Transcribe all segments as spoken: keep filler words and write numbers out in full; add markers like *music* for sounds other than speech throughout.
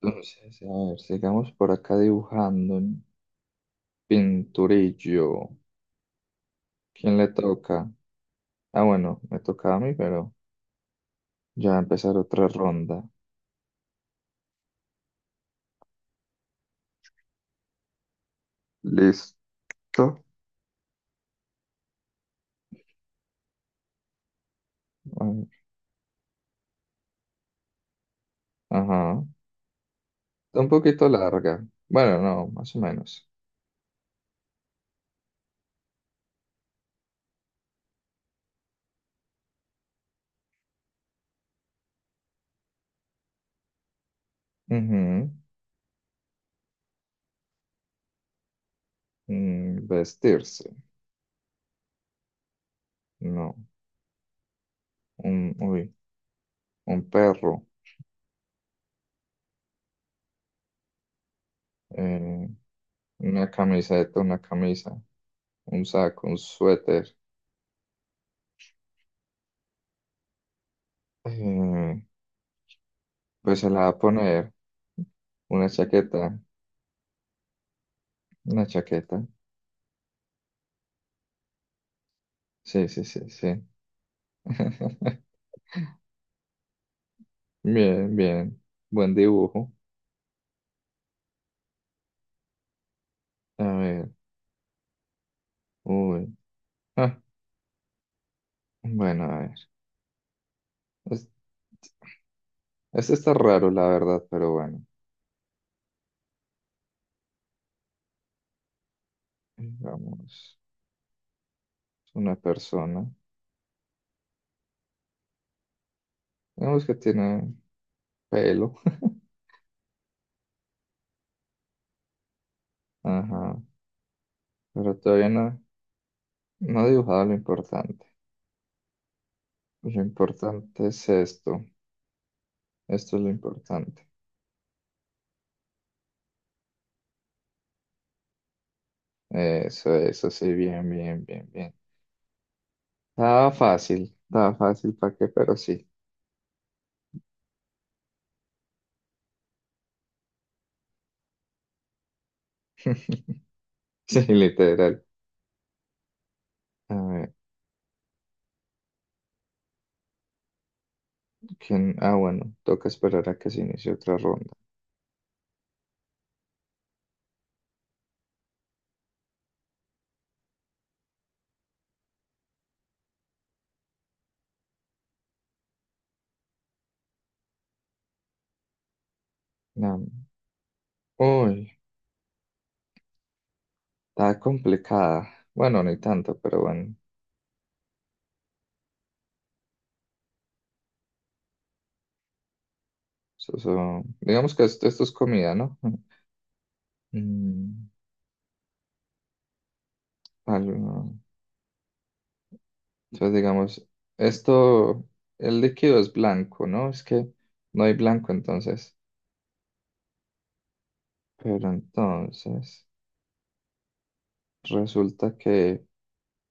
Entonces, a ver, sigamos por acá dibujando pinturillo. ¿Quién le toca? Ah, bueno, me toca a mí, pero ya va a empezar otra ronda. ¿Listo? A ver. Ajá. Está un poquito larga. Bueno, no, más o menos. Ujú. Mm, vestirse. No. Un, uy, un perro. Eh, una camiseta, una camisa. Un saco, un suéter. Eh, pues se la va a poner una chaqueta. Una chaqueta. Sí, sí, sí, sí. *laughs* Bien, bien. Buen dibujo. A ver. Uy. Ah, bueno, a ver. Es- Este está raro, la verdad, pero bueno. Digamos, es una persona. Digamos que tiene pelo. *laughs* Ajá. Pero todavía no, no ha dibujado lo importante. Lo importante es esto. Esto es lo importante. Eso, eso, sí, bien, bien, bien, bien. Estaba fácil. Estaba fácil, ¿para qué? Pero sí. *laughs* *laughs* Sí, literal. A ver, ¿quién? Ah, bueno, toca esperar a que se inicie otra ronda. Nam. Uy, está complicada. Bueno, ni tanto, pero bueno. Eso- eso- Digamos que esto, esto es comida, ¿no? *laughs* Mm, algo- ¿no? Entonces, digamos, esto, el líquido es blanco, ¿no? Es que no hay blanco entonces. Pero entonces, resulta que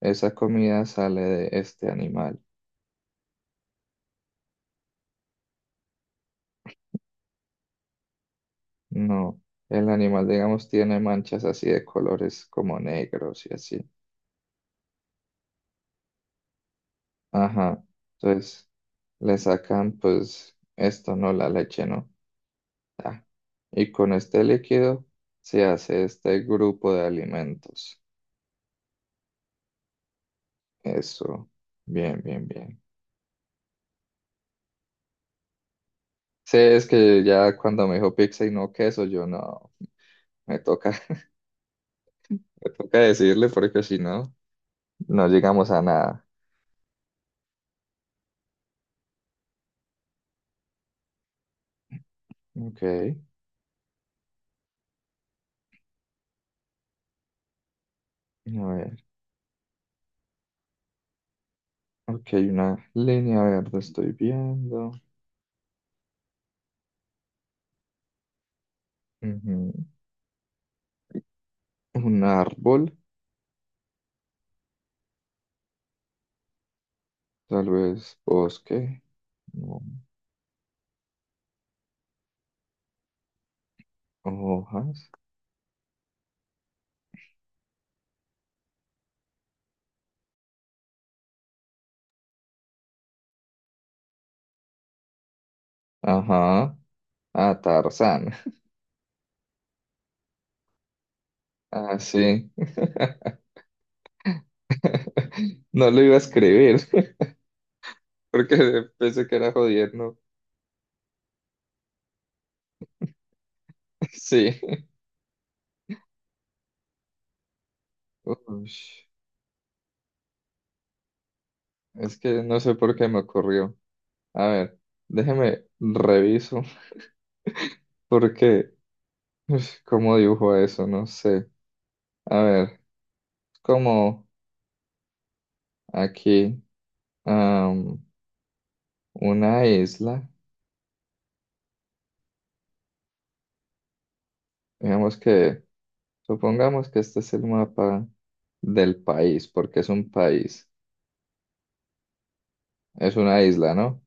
esa comida sale de este animal. No, el animal, digamos, tiene manchas así de colores como negros y así. Ajá, entonces le sacan pues esto, no la leche, no. Ah, y con este líquido se hace este grupo de alimentos. Eso, bien, bien, bien. Sí, es que ya cuando me dijo pizza y no queso, yo no, me toca, *laughs* me toca decirle porque si no, no llegamos a nada. Ok, a ver, ok, una línea verde estoy viendo. Ujú. Un árbol, tal vez bosque, no, hojas. Ajá. Ah, Tarzán. *laughs* Ah, sí. *laughs* No lo iba a escribir *laughs* porque pensé que era jodiendo. *laughs* Sí. Ush, es que no sé por qué me ocurrió. A ver, déjeme reviso *laughs* porque, ush, ¿cómo dibujo eso? No sé. A ver, como aquí. Una isla, digamos que, supongamos que este es el mapa del país, porque es un país, es una isla, ¿no?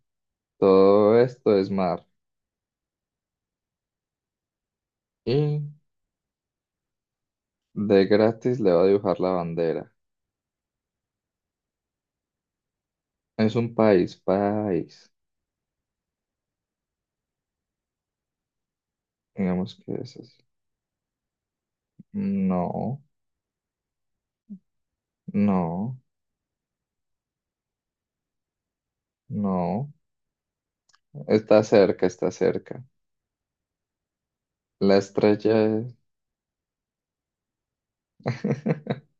Todo esto es mar. Y de gratis le va a dibujar la bandera. Es un país, país. Digamos que es así. No, no, no. Está cerca, está cerca. La estrella es... *laughs*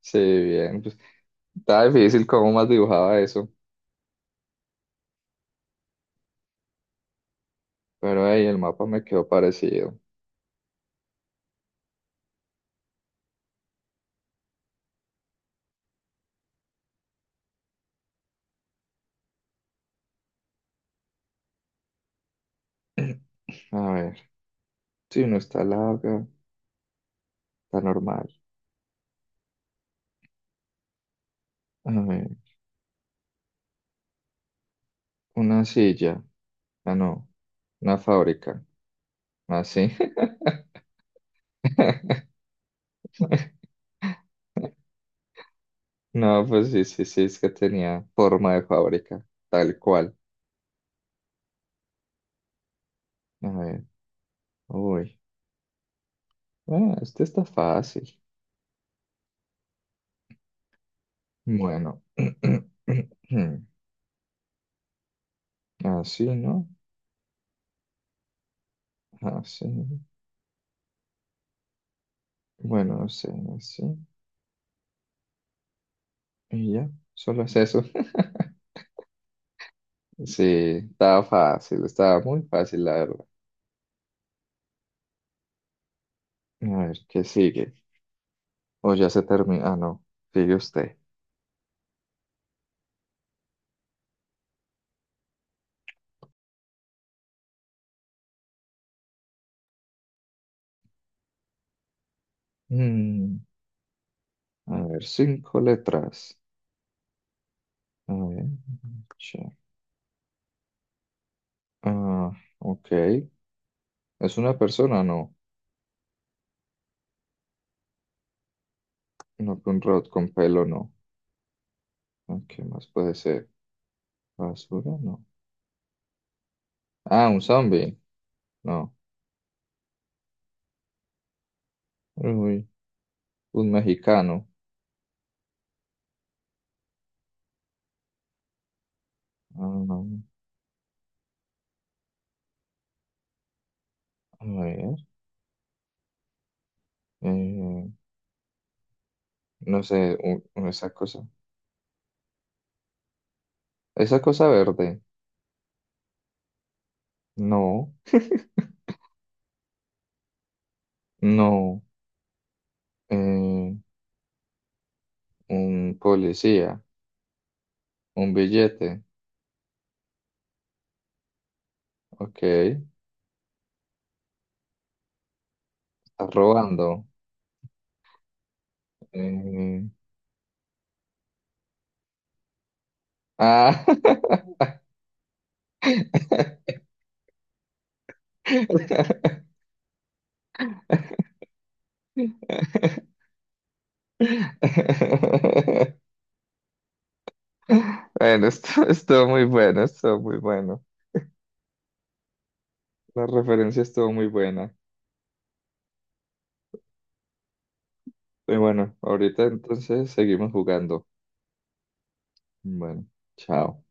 Sí, bien. Pues, está difícil cómo más dibujaba eso, pero ahí el mapa me quedó parecido. *clears throat* A ver, sí, no está larga, está normal. A ver, una silla. Ah, no, una fábrica. Ah, sí. *laughs* No, pues sí, sí, sí, es que tenía forma de fábrica, tal cual. A ver, uy, ah, este está fácil. Bueno, *clears throat* así, ¿no? Así. Bueno, así, así. Y ya, solo es eso. *laughs* Sí, estaba fácil, estaba muy fácil, la verdad. A ver, ¿qué sigue? O ya se termina. Ah, no. Sigue usted. Mm, a ver, cinco letras. A ver. che- Ah, ok. ¿Es una persona? No. No, un robot con pelo, no. Ah, ¿qué más puede ser? ¿Basura? No. Ah, un zombie. No. Uy, un mexicano. Ah, no. A ver. eh, no sé, un- esa cosa. Esa cosa verde. No. No. Eh, un policía. Un billete. Ok, estás robando. Eh, Ah. *laughs* Bueno, esto estuvo muy bueno, estuvo muy bueno. La referencia estuvo muy buena. Y bueno, ahorita entonces seguimos jugando. Bueno, chao.